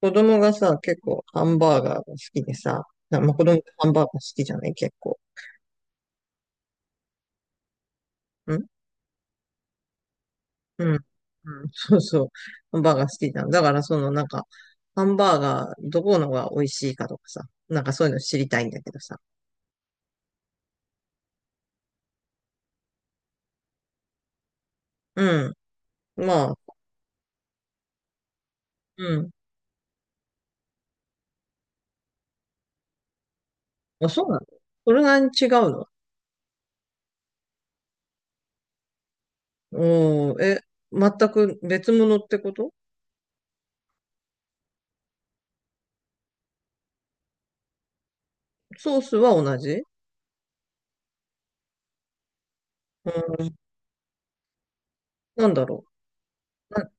子供がさ、結構ハンバーガーが好きでさ、まあ、子供ってハンバーガー好きじゃない、結構。ん。うん。うん。そうそう。ハンバーガー好きじゃん。だからそのなんか、ハンバーガーどこのが美味しいかとかさ、なんかそういうの知りたいんだけどさ。うん。まあ、うん。あ、そうなの？それなりに違うの？おー、え、全く別物ってこと？ソースは同じ？うん。なんだろう。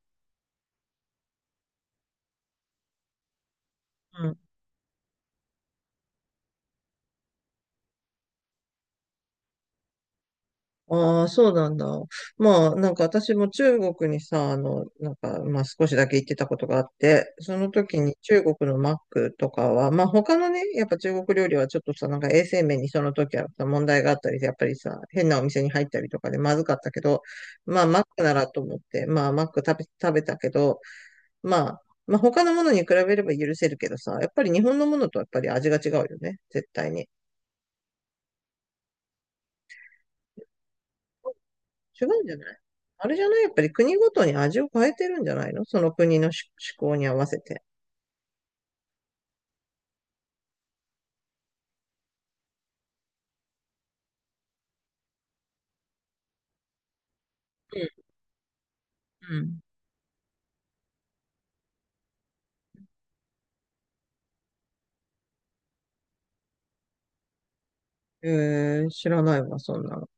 ああ、そうなんだ。まあ、なんか私も中国にさ、なんか、まあ少しだけ行ってたことがあって、その時に中国のマックとかは、まあ他のね、やっぱ中国料理はちょっとさ、なんか衛生面にその時はさ問題があったりで、やっぱりさ、変なお店に入ったりとかでまずかったけど、まあマックならと思って、まあマック食べたけど、まあ、まあ他のものに比べれば許せるけどさ、やっぱり日本のものとやっぱり味が違うよね、絶対に。違うんじゃない？あれじゃない？やっぱり国ごとに味を変えてるんじゃないの？その国の思考に合わせて。うん。うん。えー、知らないわ、そんなの。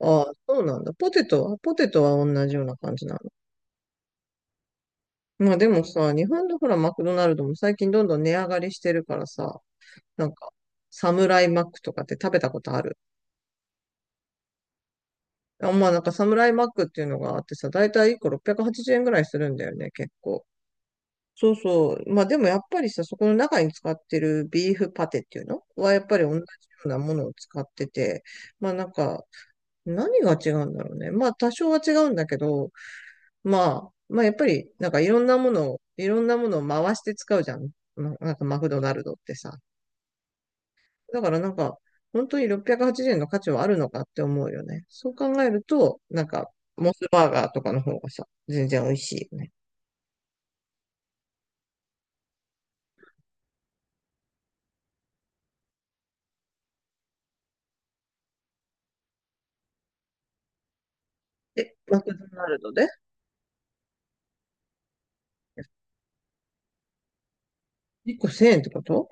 ああ、そうなんだ。ポテトは同じような感じなの？まあでもさ、日本のほら、マクドナルドも最近どんどん値上がりしてるからさ、なんか、サムライマックとかって食べたことある？あ、まあなんかサムライマックっていうのがあってさ、だいたい1個680円ぐらいするんだよね、結構。そうそう。まあでもやっぱりさ、そこの中に使ってるビーフパテっていうのはやっぱり同じようなものを使ってて、まあなんか何が違うんだろうね。まあ多少は違うんだけど、まあ、まあやっぱりなんかいろんなものを回して使うじゃん。なんかマクドナルドってさ。だからなんか本当に680円の価値はあるのかって思うよね。そう考えると、なんかモスバーガーとかの方がさ、全然美味しいよね。え、マクドナルドで？ 1 個1000円ってこと？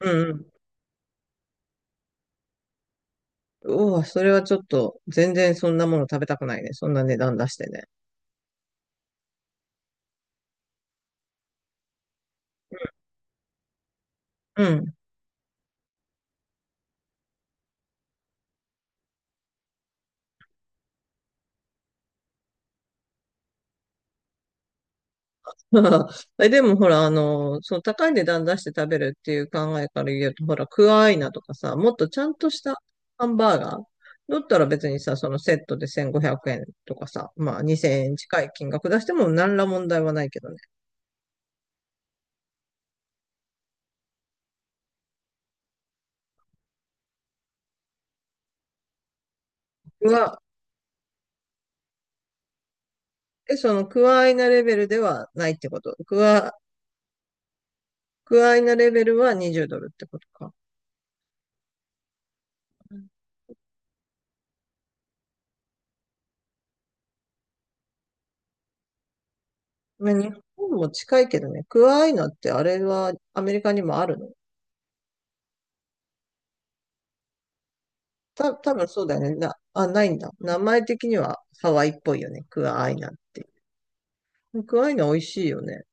うん。うわ、それはちょっと、全然そんなもの食べたくないね。そんな値段出してね。うん。え、でもほら、その高い値段出して食べるっていう考えから言うと、ほら、クアアイナとかさ、もっとちゃんとしたハンバーガーだったら別にさ、そのセットで1500円とかさ、まあ2000円近い金額出しても何ら問題はないけどね。クワ、え、そのクアアイナレベルではないってこと？クアアイナレベルは20ドルってことか。まあ日本も近いけどね、クアアイナってあれはアメリカにもあるの？多分そうだよね。あ、ないんだ。名前的にはハワイっぽいよね。クアアイナって。クアアイナ美味しいよね。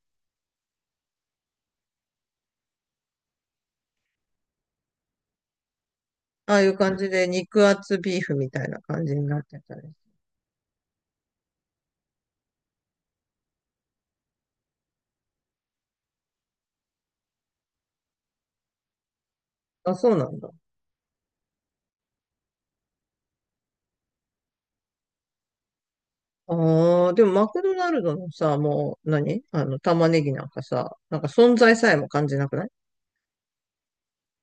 ああいう感じで肉厚ビーフみたいな感じになってたり。あ、そうなんだ。ああ、でもマクドナルドのさ、もう何玉ねぎなんかさ、なんか存在さえも感じなくない？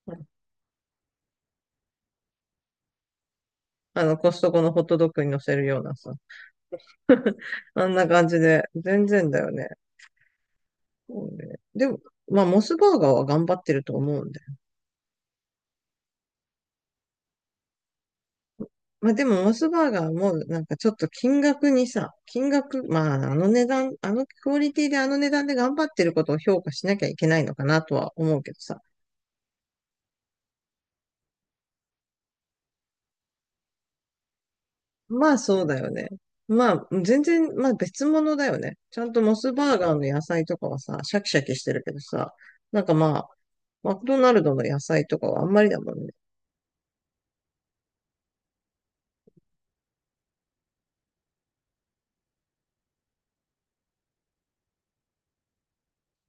うん。コストコのホットドッグに乗せるようなさ。あんな感じで、全然だよね。そうね。でも、まあ、モスバーガーは頑張ってると思うんだよ。まあ、でも、モスバーガーも、なんかちょっと金額、まあ、あの値段、あのクオリティであの値段で頑張ってることを評価しなきゃいけないのかなとは思うけどさ。まあ、そうだよね。まあ、全然、まあ、別物だよね。ちゃんとモスバーガーの野菜とかはさ、シャキシャキしてるけどさ、なんかまあ、マクドナルドの野菜とかはあんまりだもんね。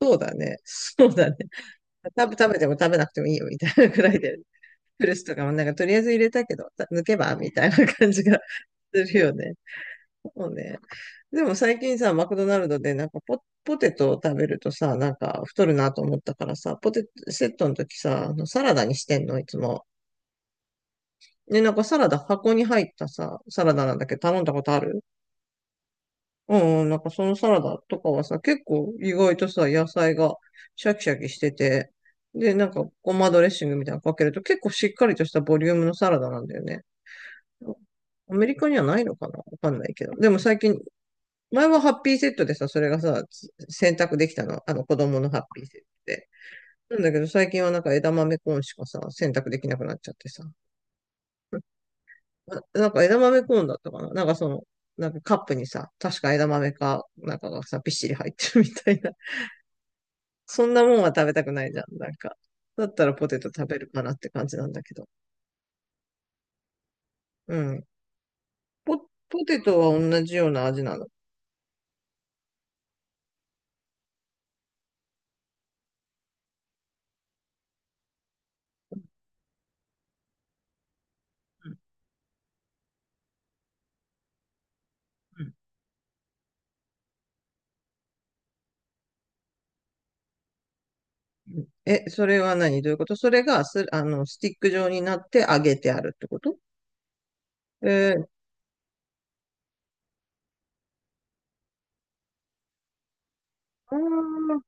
そうだね。そうだね。食べても食べなくてもいいよみたいなくらいで。プルスとかもなんかとりあえず入れたけど、抜けばみたいな感じが するよね。そうね。でも最近さ、マクドナルドでなんかポテトを食べるとさ、なんか太るなと思ったからさ、ポテトセットの時さ、あのサラダにしてんの、いつも。ね、なんかサラダ箱に入ったさ、サラダなんだけど頼んだことある？うん、うん、なんかそのサラダとかはさ、結構意外とさ、野菜がシャキシャキしてて、で、なんかごまドレッシングみたいなのかけると結構しっかりとしたボリュームのサラダなんだよね。アメリカにはないのかなわかんないけど。でも最近、前はハッピーセットでさ、それがさ、選択できたの。あの子供のハッピーセットで。なんだけど最近はなんか枝豆コーンしかさ、選択できなくなっちゃってさ。なんか枝豆コーンだったかな、なんかなんかカップにさ、確か枝豆か、なんかがさ、びっしり入ってるみたいな。そんなもんは食べたくないじゃん。なんか。だったらポテト食べるかなって感じなんだけど。うん。ポ、ポテトは同じような味なの？うん。うん。え、それはどういうこと？それがす、あの、スティック状になって揚げてあるってこと？えー、あー、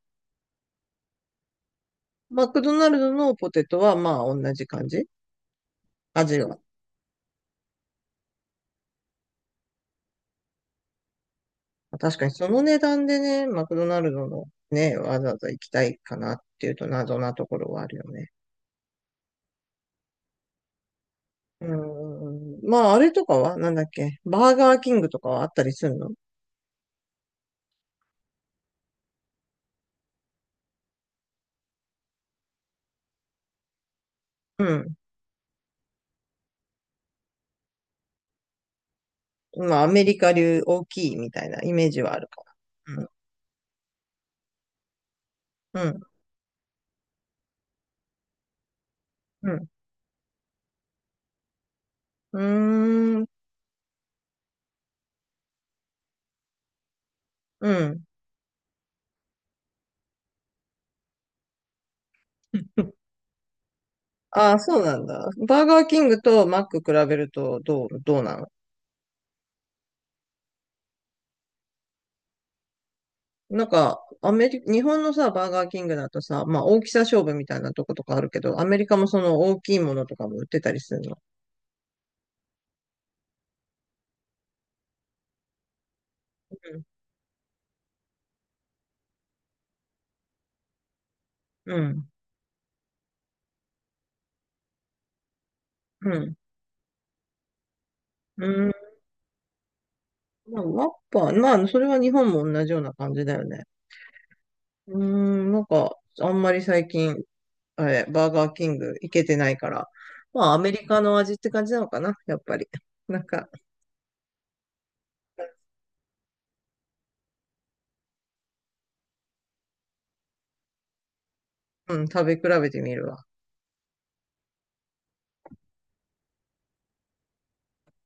マクドナルドのポテトはまあ同じ感じ？味は。確かにその値段でね、マクドナルドのね、わざわざ行きたいかなっていうと謎なところはあるよね。うーん。まああれとかはなんだっけ、バーガーキングとかはあったりするの？うん。まあアメリカ流大きいみたいなイメージはあるから。うん。うん。うん。うーん。うん。ああ、そうなんだ。バーガーキングとマック比べるとどうなの？なんか、アメリ、日本のさ、バーガーキングだとさ、まあ大きさ勝負みたいなとことかあるけど、アメリカもその大きいものとかも売ってたりするの？うん。うん。うん。まあ、マッパー、まあ、それは日本も同じような感じだよね。うーん、なんか、あんまり最近、あれ、バーガーキング行けてないから、まあ、アメリカの味って感じなのかな、やっぱり。なんか、うん、食べ比べてみるわ。